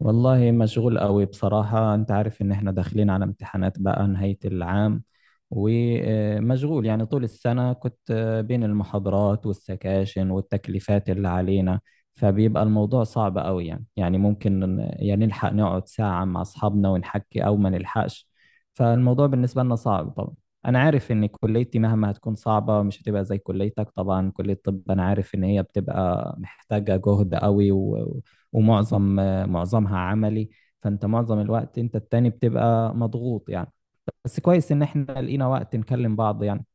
والله مشغول قوي بصراحة، انت عارف ان احنا داخلين على امتحانات بقى نهاية العام. ومشغول يعني طول السنة كنت بين المحاضرات والسكاشن والتكليفات اللي علينا. فبيبقى الموضوع صعب قوي، يعني يعني ممكن نلحق نقعد ساعة مع اصحابنا ونحكي او ما نلحقش. فالموضوع بالنسبة لنا صعب طبعا. انا عارف ان كليتي مهما هتكون صعبة مش هتبقى زي كليتك، طبعا كلية الطب انا عارف ان هي بتبقى محتاجة جهد قوي و... ومعظم معظمها عملي. فانت معظم الوقت انت التاني بتبقى مضغوط يعني. بس كويس ان احنا لقينا وقت نكلم بعض يعني.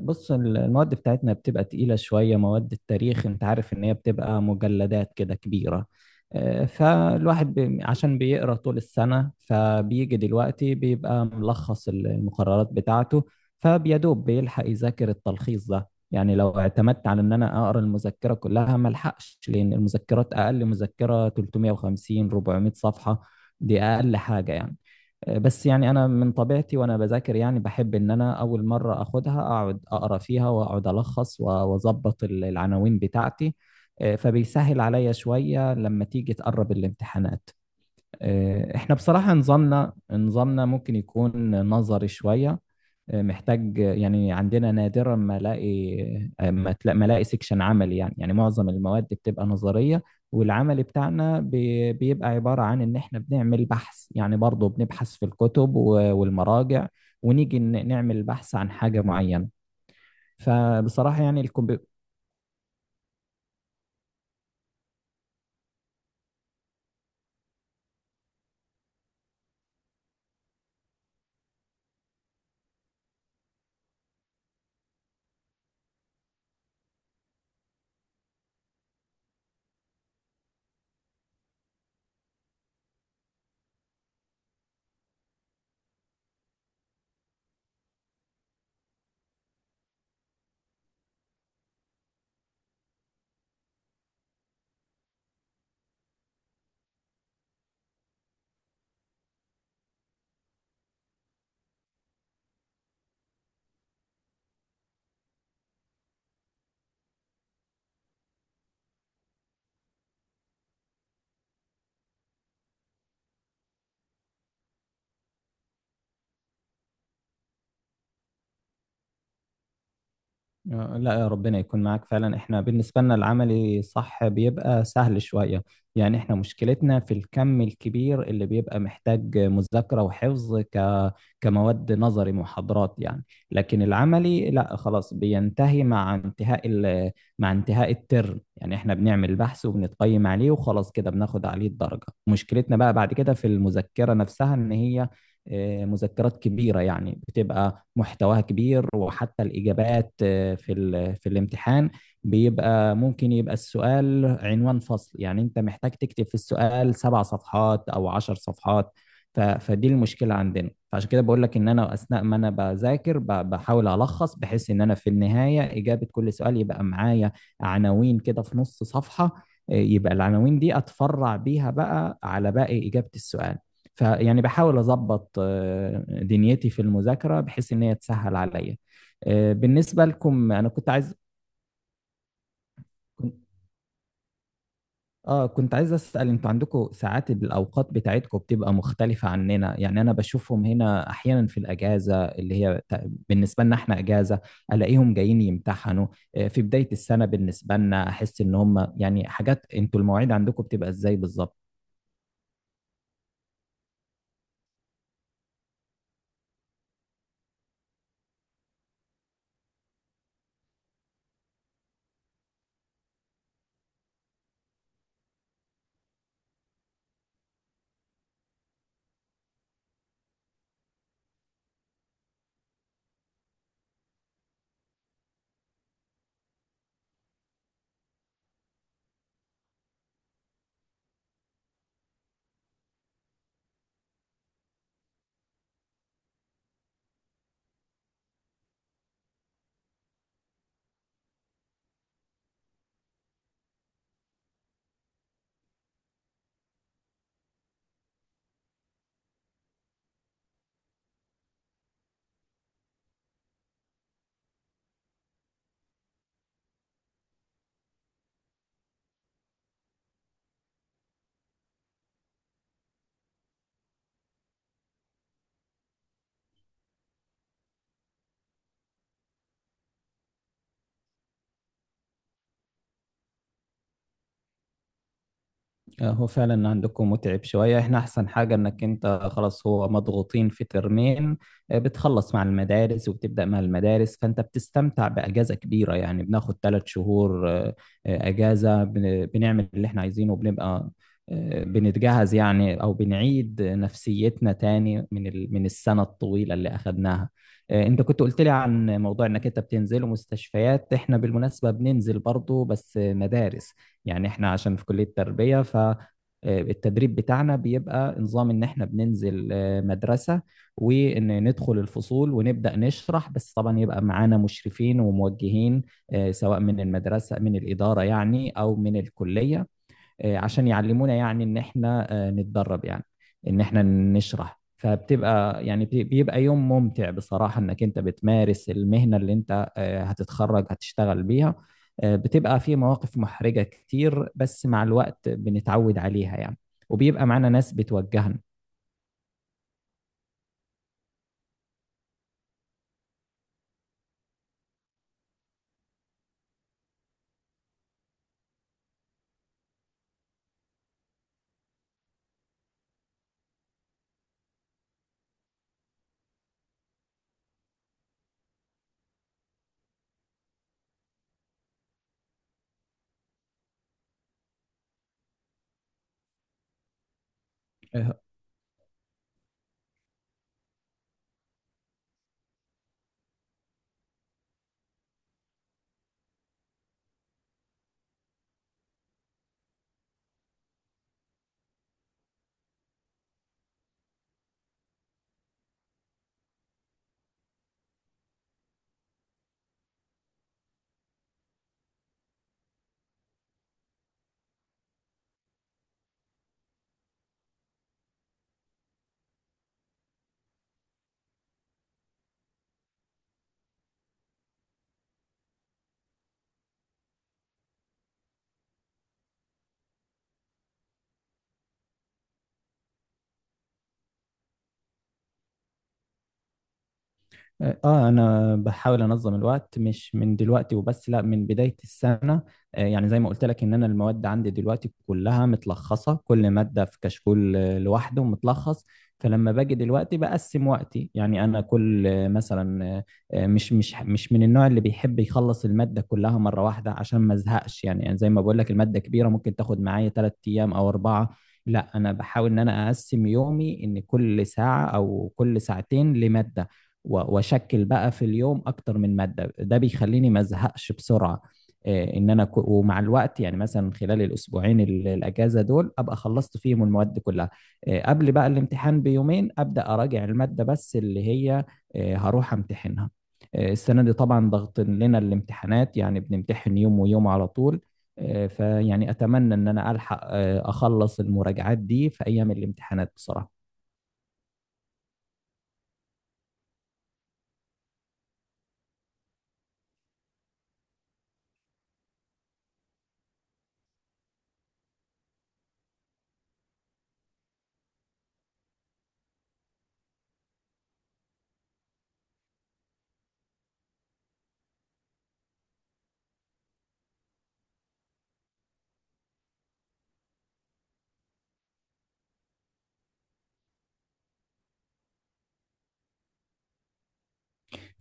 بص المواد بتاعتنا بتبقى تقيلة شوية، مواد التاريخ انت عارف ان هي بتبقى مجلدات كده كبيرة. فالواحد عشان بيقرأ طول السنة فبيجي دلوقتي بيبقى ملخص المقررات بتاعته. فبيدوب بيلحق يذاكر التلخيص ده، يعني لو اعتمدت على ان انا اقرا المذكرة كلها ملحقش، لان المذكرات اقل مذكرة 350 400 صفحة. دي اقل حاجة يعني. بس يعني انا من طبيعتي وانا بذاكر يعني بحب ان انا اول مره اخدها اقعد اقرا فيها واقعد الخص واظبط العناوين بتاعتي. فبيسهل عليا شويه لما تيجي تقرب الامتحانات. احنا بصراحة نظامنا ممكن يكون نظري شوية. محتاج يعني، عندنا نادرا ما الاقي ما الاقي سيكشن عملي، يعني يعني معظم المواد بتبقى نظرية. والعمل بتاعنا بيبقى عبارة عن ان احنا بنعمل بحث، يعني برضه بنبحث في الكتب والمراجع، ونيجي نعمل بحث عن حاجة معينة. فبصراحة يعني لا، ربنا يكون معاك فعلا. احنا بالنسبة لنا العملي صح بيبقى سهل شوية، يعني احنا مشكلتنا في الكم الكبير اللي بيبقى محتاج مذاكرة وحفظ كمواد نظري محاضرات يعني. لكن العملي لا خلاص بينتهي مع انتهاء مع انتهاء الترم، يعني احنا بنعمل بحث وبنتقيم عليه وخلاص كده بناخد عليه الدرجة. مشكلتنا بقى بعد كده في المذكرة نفسها، ان هي مذكرات كبيرة يعني، بتبقى محتواها كبير، وحتى الإجابات في الامتحان بيبقى ممكن يبقى السؤال عنوان فصل، يعني أنت محتاج تكتب في السؤال سبع صفحات أو عشر صفحات. فدي المشكلة عندنا. فعشان كده بقول لك إن أنا أثناء ما أنا بذاكر بحاول ألخص، بحيث إن أنا في النهاية إجابة كل سؤال يبقى معايا عناوين كده في نص صفحة. يبقى العناوين دي اتفرع بيها بقى على باقي اجابه السؤال. فيعني بحاول اظبط دنيتي في المذاكره، بحيث ان هي تسهل عليا. بالنسبه لكم انا كنت عايز كنت- اه كنت عايز اسال، انتوا عندكم ساعات، الاوقات بتاعتكم بتبقى مختلفه عننا؟ يعني انا بشوفهم هنا احيانا في الاجازه اللي هي بالنسبه لنا احنا اجازه، الاقيهم جايين يمتحنوا في بدايه السنه. بالنسبه لنا احس ان هم يعني حاجات، انتوا المواعيد عندكم بتبقى ازاي بالظبط؟ هو فعلا عندكم متعب شوية. احنا احسن حاجة انك انت خلاص، هو مضغوطين في ترمين بتخلص مع المدارس وبتبدأ مع المدارس، فانت بتستمتع بأجازة كبيرة، يعني بناخد ثلاث شهور أجازة، بنعمل اللي احنا عايزينه، وبنبقى بنتجهز يعني، او بنعيد نفسيتنا تاني من من السنة الطويلة اللي اخدناها. انت كنت قلت لي عن موضوع انك انت بتنزل مستشفيات. احنا بالمناسبة بننزل برضو بس مدارس، يعني احنا عشان في كلية تربية، فالتدريب بتاعنا بيبقى نظام ان احنا بننزل مدرسة، وان ندخل الفصول ونبدأ نشرح، بس طبعا يبقى معانا مشرفين وموجهين سواء من المدرسة من الإدارة يعني أو من الكلية عشان يعلمونا، يعني ان احنا نتدرب، يعني ان احنا نشرح. فبتبقى يعني بيبقى يوم ممتع بصراحة، انك انت بتمارس المهنة اللي انت هتتخرج هتشتغل بيها. بتبقى في مواقف محرجة كتير، بس مع الوقت بنتعود عليها يعني، وبيبقى معانا ناس بتوجهنا. اه انا بحاول انظم الوقت، مش من دلوقتي وبس، لا من بداية السنة. يعني زي ما قلت لك، ان انا المواد عندي دلوقتي كلها متلخصة، كل مادة في كشكول لوحده متلخص. فلما باجي دلوقتي بقسم وقتي، يعني انا كل مثلا مش مش مش من النوع اللي بيحب يخلص المادة كلها مرة واحدة عشان ما ازهقش. يعني يعني زي ما بقول لك، المادة كبيرة ممكن تاخد معايا ثلاث ايام او اربعة. لا انا بحاول ان انا اقسم يومي، ان كل ساعة او كل ساعتين لمادة، واشكل بقى في اليوم اكتر من ماده. ده بيخليني ما ازهقش بسرعه. ان انا ومع الوقت يعني، مثلا خلال الاسبوعين الاجازه دول، ابقى خلصت فيهم المواد كلها. قبل بقى الامتحان بيومين ابدا اراجع الماده بس، اللي هي هروح امتحنها. السنه دي طبعا ضغط لنا الامتحانات، يعني بنمتحن يوم ويوم على طول. فيعني اتمنى ان انا الحق اخلص المراجعات دي في ايام الامتحانات بصراحه.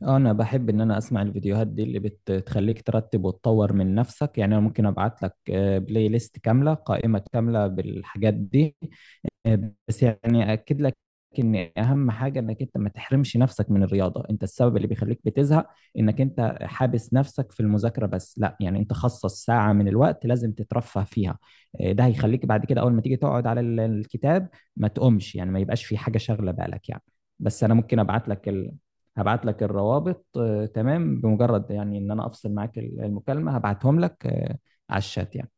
انا بحب ان انا اسمع الفيديوهات دي اللي بتخليك ترتب وتطور من نفسك، يعني انا ممكن ابعت لك بلاي ليست كامله، قائمه كامله بالحاجات دي. بس يعني اكد لك ان اهم حاجه انك انت ما تحرمش نفسك من الرياضه. انت السبب اللي بيخليك بتزهق انك انت حابس نفسك في المذاكره بس، لا، يعني انت خصص ساعه من الوقت لازم تترفه فيها. إيه، ده هيخليك بعد كده اول ما تيجي تقعد على الكتاب ما تقومش، يعني ما يبقاش في حاجه شاغله بالك يعني. بس انا ممكن ابعت لك هبعت لك الروابط تمام، بمجرد يعني ان انا افصل معاك المكالمه هبعتهم لك على الشات يعني.